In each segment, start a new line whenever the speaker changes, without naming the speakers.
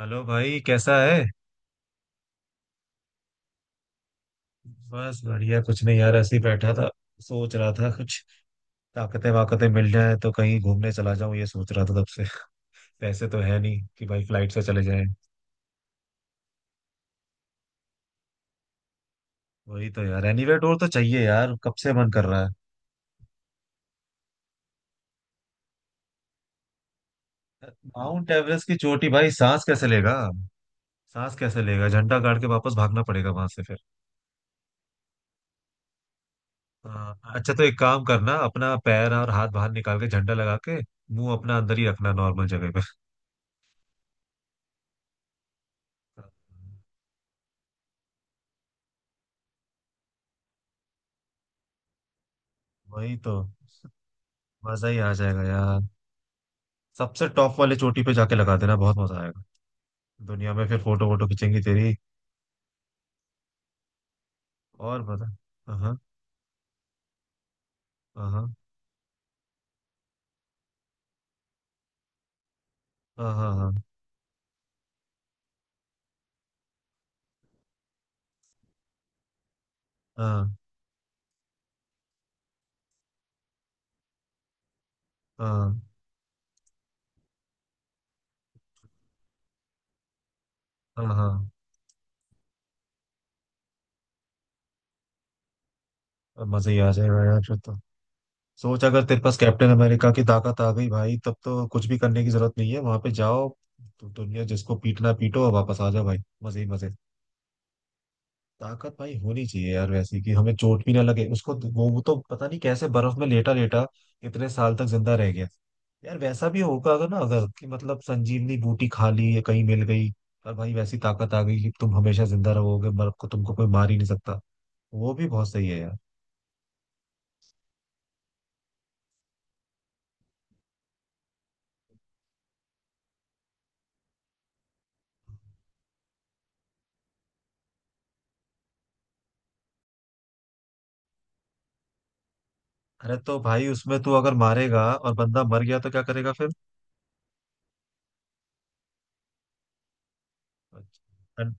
Hello भाई, कैसा है। बस बढ़िया, कुछ नहीं यार, ऐसे ही बैठा था। सोच रहा था कुछ। ताकतें वाकतें मिल जाए तो कहीं घूमने चला जाऊं, ये सोच रहा था तब से। पैसे तो है नहीं कि भाई फ्लाइट से चले जाएं। वही तो यार, एनीवे टूर तो चाहिए यार, कब से मन कर रहा है। माउंट एवरेस्ट की चोटी, भाई सांस कैसे लेगा। सांस कैसे लेगा, झंडा गाड़ के वापस भागना पड़ेगा वहां से फिर। हाँ, अच्छा, तो एक काम करना, अपना पैर और हाथ बाहर निकाल के झंडा लगा के मुंह अपना अंदर ही रखना नॉर्मल जगह पे। वही तो। मजा ही आ जाएगा यार। सबसे टॉप वाले चोटी पे जाके लगा देना, बहुत मजा आएगा। दुनिया में फिर फोटो वोटो खींचेंगी तेरी। और मजा। हाँ हाँ, हाँ। हाँ, हाँ। हाँ। हाँ, हाँ। अब मजा ही आ जाएगा यार, फिर तो। सोच, अगर तेरे पास कैप्टन अमेरिका की ताकत आ गई भाई, तब तो कुछ भी करने की जरूरत नहीं है, वहां पे जाओ। तो दुनिया, जिसको पीटना पीटो और वापस आ जाओ भाई। मजे ही मजे। ताकत भाई होनी चाहिए यार वैसी, कि हमें चोट भी ना लगे। उसको तो, वो तो पता नहीं कैसे बर्फ में लेटा लेटा इतने साल तक जिंदा रह गया। यार वैसा भी होगा अगर ना, अगर कि, मतलब संजीवनी बूटी खा ली या कहीं मिल गई। और भाई वैसी ताकत आ गई कि तुम हमेशा जिंदा रहोगे, मर को तुमको कोई मार ही नहीं सकता। वो भी बहुत सही है यार। अरे, तो भाई उसमें तू अगर मारेगा और बंदा मर गया तो क्या करेगा फिर। अच्छा।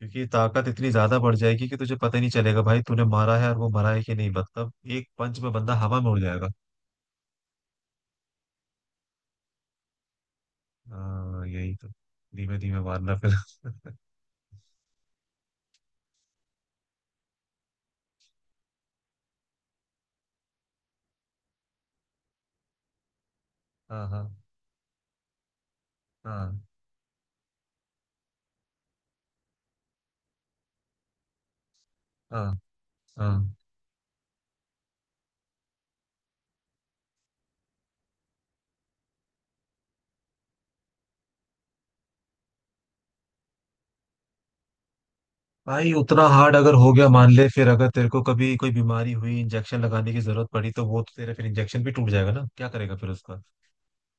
क्योंकि ताकत इतनी ज्यादा बढ़ जाएगी कि तुझे पता ही नहीं चलेगा भाई, तूने मारा है और वो मरा है कि नहीं, मतलब एक पंच में बंदा हवा में उड़ जाएगा। हाँ, यही तो। धीमे धीमे मारना फिर। हाँ, हाँ, हाँ, हाँ, हाँ। भाई उतना हार्ड अगर हो गया मान ले, फिर अगर तेरे को कभी कोई बीमारी हुई, इंजेक्शन लगाने की जरूरत पड़ी तो वो तो तेरा फिर इंजेक्शन भी टूट जाएगा ना, क्या करेगा फिर उसका।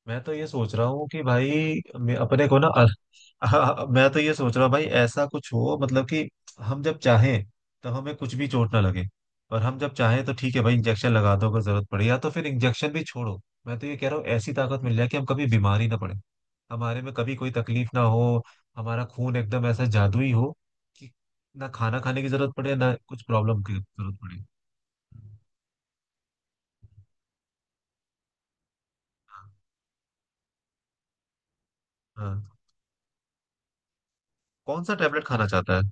मैं तो ये सोच रहा हूँ कि भाई, मैं अपने को ना मैं तो ये सोच रहा हूँ भाई, ऐसा कुछ हो मतलब कि हम जब चाहें तो हमें कुछ भी चोट ना लगे। और हम जब चाहें तो ठीक है भाई, इंजेक्शन लगा दो अगर जरूरत पड़े, या तो फिर इंजेक्शन भी छोड़ो। मैं तो ये कह रहा हूँ, ऐसी ताकत मिल जाए कि हम कभी बीमार ही ना पड़े। हमारे में कभी कोई तकलीफ ना हो। हमारा खून एकदम ऐसा जादुई हो कि ना खाना खाने की जरूरत पड़े ना कुछ प्रॉब्लम की जरूरत पड़े। हाँ। कौन सा टेबलेट खाना चाहता है।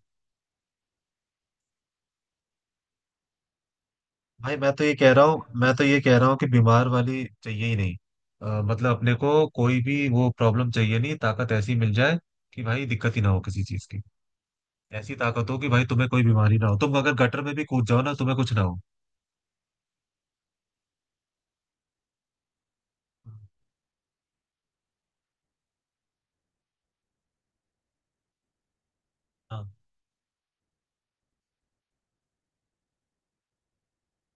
भाई मैं तो ये कह रहा हूँ मैं तो ये कह रहा हूँ कि बीमार वाली चाहिए ही नहीं। मतलब अपने को कोई भी वो प्रॉब्लम चाहिए नहीं, ताकत ऐसी मिल जाए कि भाई दिक्कत ही ना हो किसी चीज की। ऐसी ताकत हो कि भाई तुम्हें कोई बीमारी ना हो, तुम अगर गटर में भी कूद जाओ ना तुम्हें कुछ ना हो। हाँ।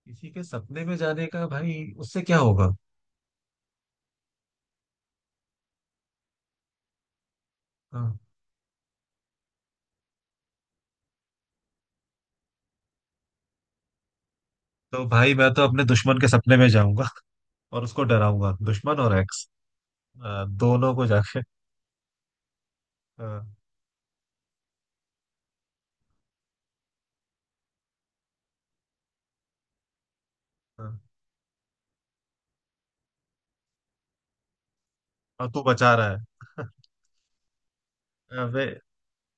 किसी के सपने में जाने का, भाई उससे क्या होगा। हाँ। तो भाई मैं तो अपने दुश्मन के सपने में जाऊंगा। और उसको डराऊंगा, दुश्मन और एक्स, दोनों को जाके। हाँ, हाँ। और तू बचा रहा है। अबे,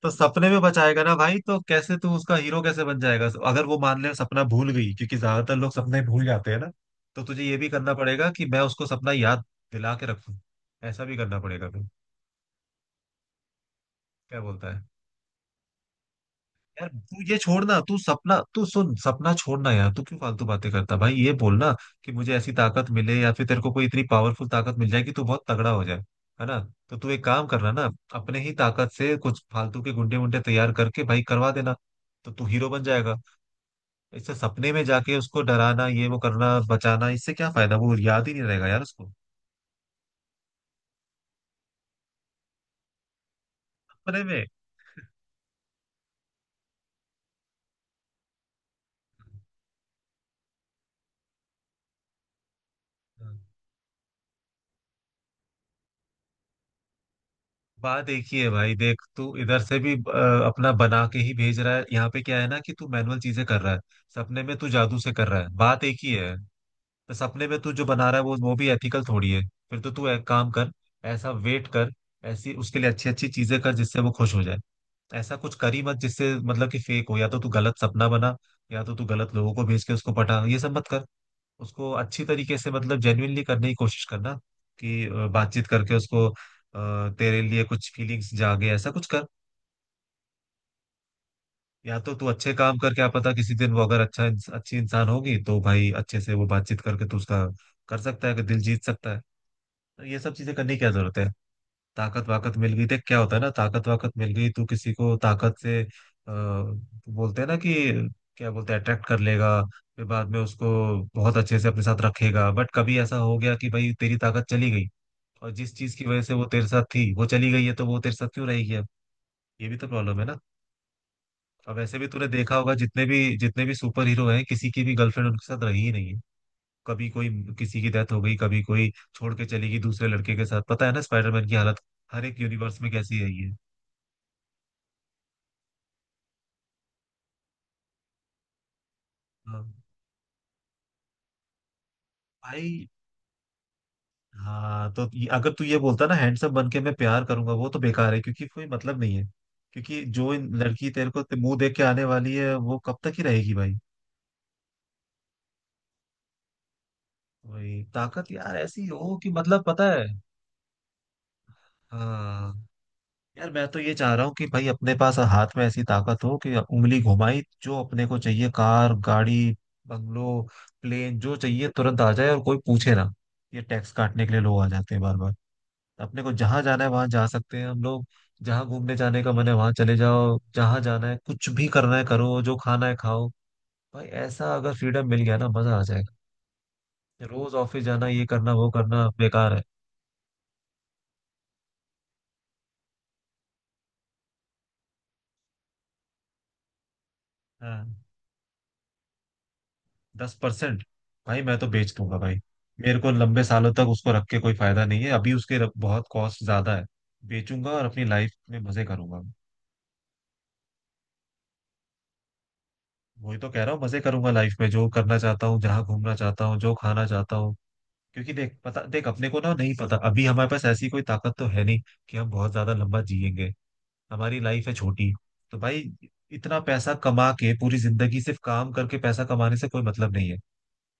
तो सपने में बचाएगा ना भाई, तो कैसे तू उसका हीरो कैसे बन जाएगा अगर वो मान ले सपना भूल गई, क्योंकि ज्यादातर लोग सपने भूल जाते हैं ना। तो तुझे ये भी करना पड़ेगा कि मैं उसको सपना याद दिला के रखूं। ऐसा भी करना पड़ेगा फिर। क्या बोलता है। यार तू ये छोड़ना, तू सपना, तू सुन, सपना छोड़ना यार, तू क्यों फालतू बातें करता भाई, ये बोलना कि मुझे ऐसी ताकत मिले या फिर तेरे को कोई इतनी पावरफुल ताकत मिल जाए कि तू बहुत तगड़ा हो जाए। है ना। तो तू एक काम करना ना। अपने ही ताकत से कुछ फालतू के गुंडे वुंडे तैयार करके भाई, करवा देना। तो तू हीरो बन जाएगा। इससे सपने में जाके उसको डराना, ये वो करना, बचाना, इससे क्या फायदा, वो याद ही नहीं रहेगा यार उसको। सपने में। बात एक ही है भाई, देख तू इधर से भी अपना बना के ही भेज रहा है, यहाँ पे क्या है ना कि तू मैनुअल चीजें कर रहा है। सपने में तू जादू से कर रहा है, बात एक ही है। तो सपने में तू जो बना रहा है, वो भी एथिकल थोड़ी है। फिर तो तू एक काम कर। ऐसा वेट कर। ऐसी उसके लिए अच्छी अच्छी चीजें कर जिससे वो खुश हो जाए। ऐसा कुछ कर ही मत जिससे मतलब कि फेक हो, या तो तू गलत सपना बना। या तो तू गलत लोगों को भेज के उसको पटा, ये सब मत कर। उसको अच्छी तरीके से मतलब जेन्युइनली करने की कोशिश करना कि बातचीत करके उसको, तेरे लिए कुछ फीलिंग्स जागे, ऐसा कुछ कर। या तो तू अच्छे काम कर, क्या पता किसी दिन वो अगर अच्छी इंसान होगी तो भाई, अच्छे से वो बातचीत करके तू उसका कर सकता है कि दिल जीत सकता है। तो ये सब चीजें करने की क्या जरूरत है। ताकत वाकत मिल गई तो क्या होता है ना, ताकत वाकत मिल गई तो किसी को ताकत से बोलते हैं ना कि क्या बोलते हैं, अट्रैक्ट कर लेगा। फिर बाद में उसको बहुत अच्छे से अपने साथ रखेगा, बट कभी ऐसा हो गया कि भाई तेरी ताकत चली गई और जिस चीज की वजह से वो तेरे साथ थी वो चली गई है, तो वो तेरे साथ क्यों रहेगी अब। ये भी तो प्रॉब्लम है ना। अब वैसे भी तूने देखा होगा, जितने भी सुपर हीरो हैं, किसी की भी गर्लफ्रेंड उनके साथ रही ही नहीं है। कभी कोई किसी की डेथ हो गई, कभी कोई छोड़ के चली गई दूसरे लड़के के साथ, पता है ना स्पाइडरमैन की हालत हर एक यूनिवर्स में कैसी रही है। हाँ, भाई। हाँ, तो अगर तू ये बोलता ना हैंडसम बन के मैं प्यार करूंगा, वो तो बेकार है क्योंकि कोई मतलब नहीं है। क्योंकि जो इन लड़की तेरे को मुंह देख के आने वाली है, वो कब तक ही रहेगी भाई। वही ताकत यार ऐसी हो कि, मतलब पता है। हाँ। यार मैं तो ये चाह रहा हूँ कि भाई, अपने पास हाथ में ऐसी ताकत हो कि उंगली घुमाई जो अपने को चाहिए, कार गाड़ी, बंगलो, प्लेन, जो चाहिए तुरंत आ जाए और कोई पूछे ना। ये टैक्स काटने के लिए लोग आ जाते हैं बार बार। अपने को जहां जाना है वहां जा सकते हैं हम लोग। जहां घूमने जाने का मन है वहां चले जाओ, जहां जाना है, कुछ भी करना है करो, जो खाना है खाओ। भाई ऐसा अगर फ्रीडम मिल गया ना, मजा आ जाएगा। रोज ऑफिस जाना, ये करना वो करना, बेकार है। हाँ। 10%। भाई मैं तो बेच दूंगा भाई। मेरे को लंबे सालों तक उसको रख के कोई फायदा नहीं है, अभी बहुत कॉस्ट ज्यादा है। बेचूंगा और अपनी लाइफ में मजे करूंगा। वही तो कह रहा हूँ, मजे करूंगा लाइफ में, जो करना चाहता हूँ, जहां घूमना चाहता हूँ, जो खाना चाहता हूँ। क्योंकि देख, पता देख अपने को ना नहीं पता, अभी हमारे पास ऐसी कोई ताकत तो है नहीं कि हम बहुत ज्यादा लंबा जिएंगे। हमारी लाइफ है छोटी। तो भाई, इतना पैसा कमा के पूरी जिंदगी सिर्फ काम करके पैसा कमाने से कोई मतलब नहीं है।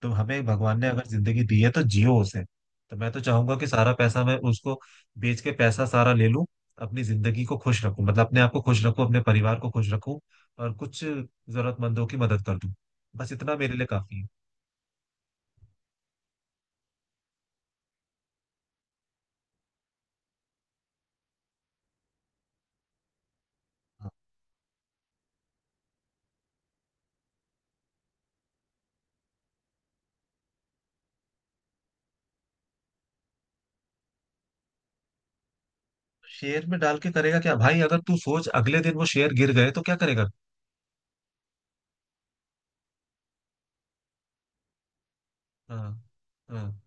तो हमें भगवान ने अगर जिंदगी दी है तो जियो उसे। तो मैं तो चाहूंगा कि सारा पैसा मैं उसको बेच के पैसा सारा ले लूं। अपनी जिंदगी को खुश रखूं, मतलब अपने आप को खुश रखूं, अपने परिवार को खुश रखूं और कुछ जरूरतमंदों की मदद कर दूं। बस इतना मेरे लिए काफी है। शेयर में डाल के करेगा क्या भाई, अगर तू सोच अगले दिन वो शेयर गिर गए तो क्या करेगा। हाँ, हाँ,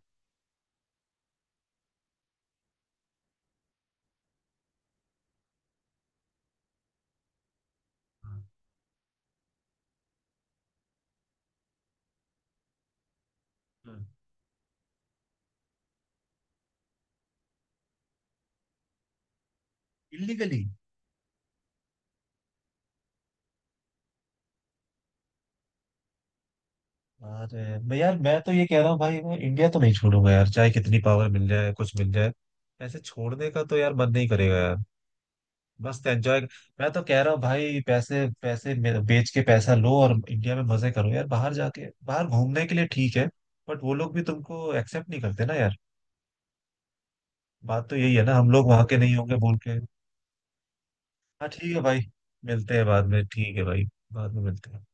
हाँ। इलीगली। अरे मैं यार, मैं तो ये कह रहा हूँ भाई, मैं इंडिया तो नहीं छोड़ूंगा यार, चाहे कितनी पावर मिल जाए कुछ मिल जाए। ऐसे छोड़ने का तो यार, मन नहीं करेगा यार। बस एंजॉय। मैं तो कह रहा हूँ भाई, पैसे पैसे मे- बेच के पैसा लो और इंडिया में मजे करो यार, बाहर जाके बाहर घूमने के लिए ठीक है। बट वो लोग भी तुमको एक्सेप्ट नहीं करते ना यार। बात तो यही है ना, हम लोग वहां के नहीं होंगे बोल के। हाँ, ठीक है भाई। मिलते हैं बाद में, ठीक है भाई। बाद में मिलते हैं।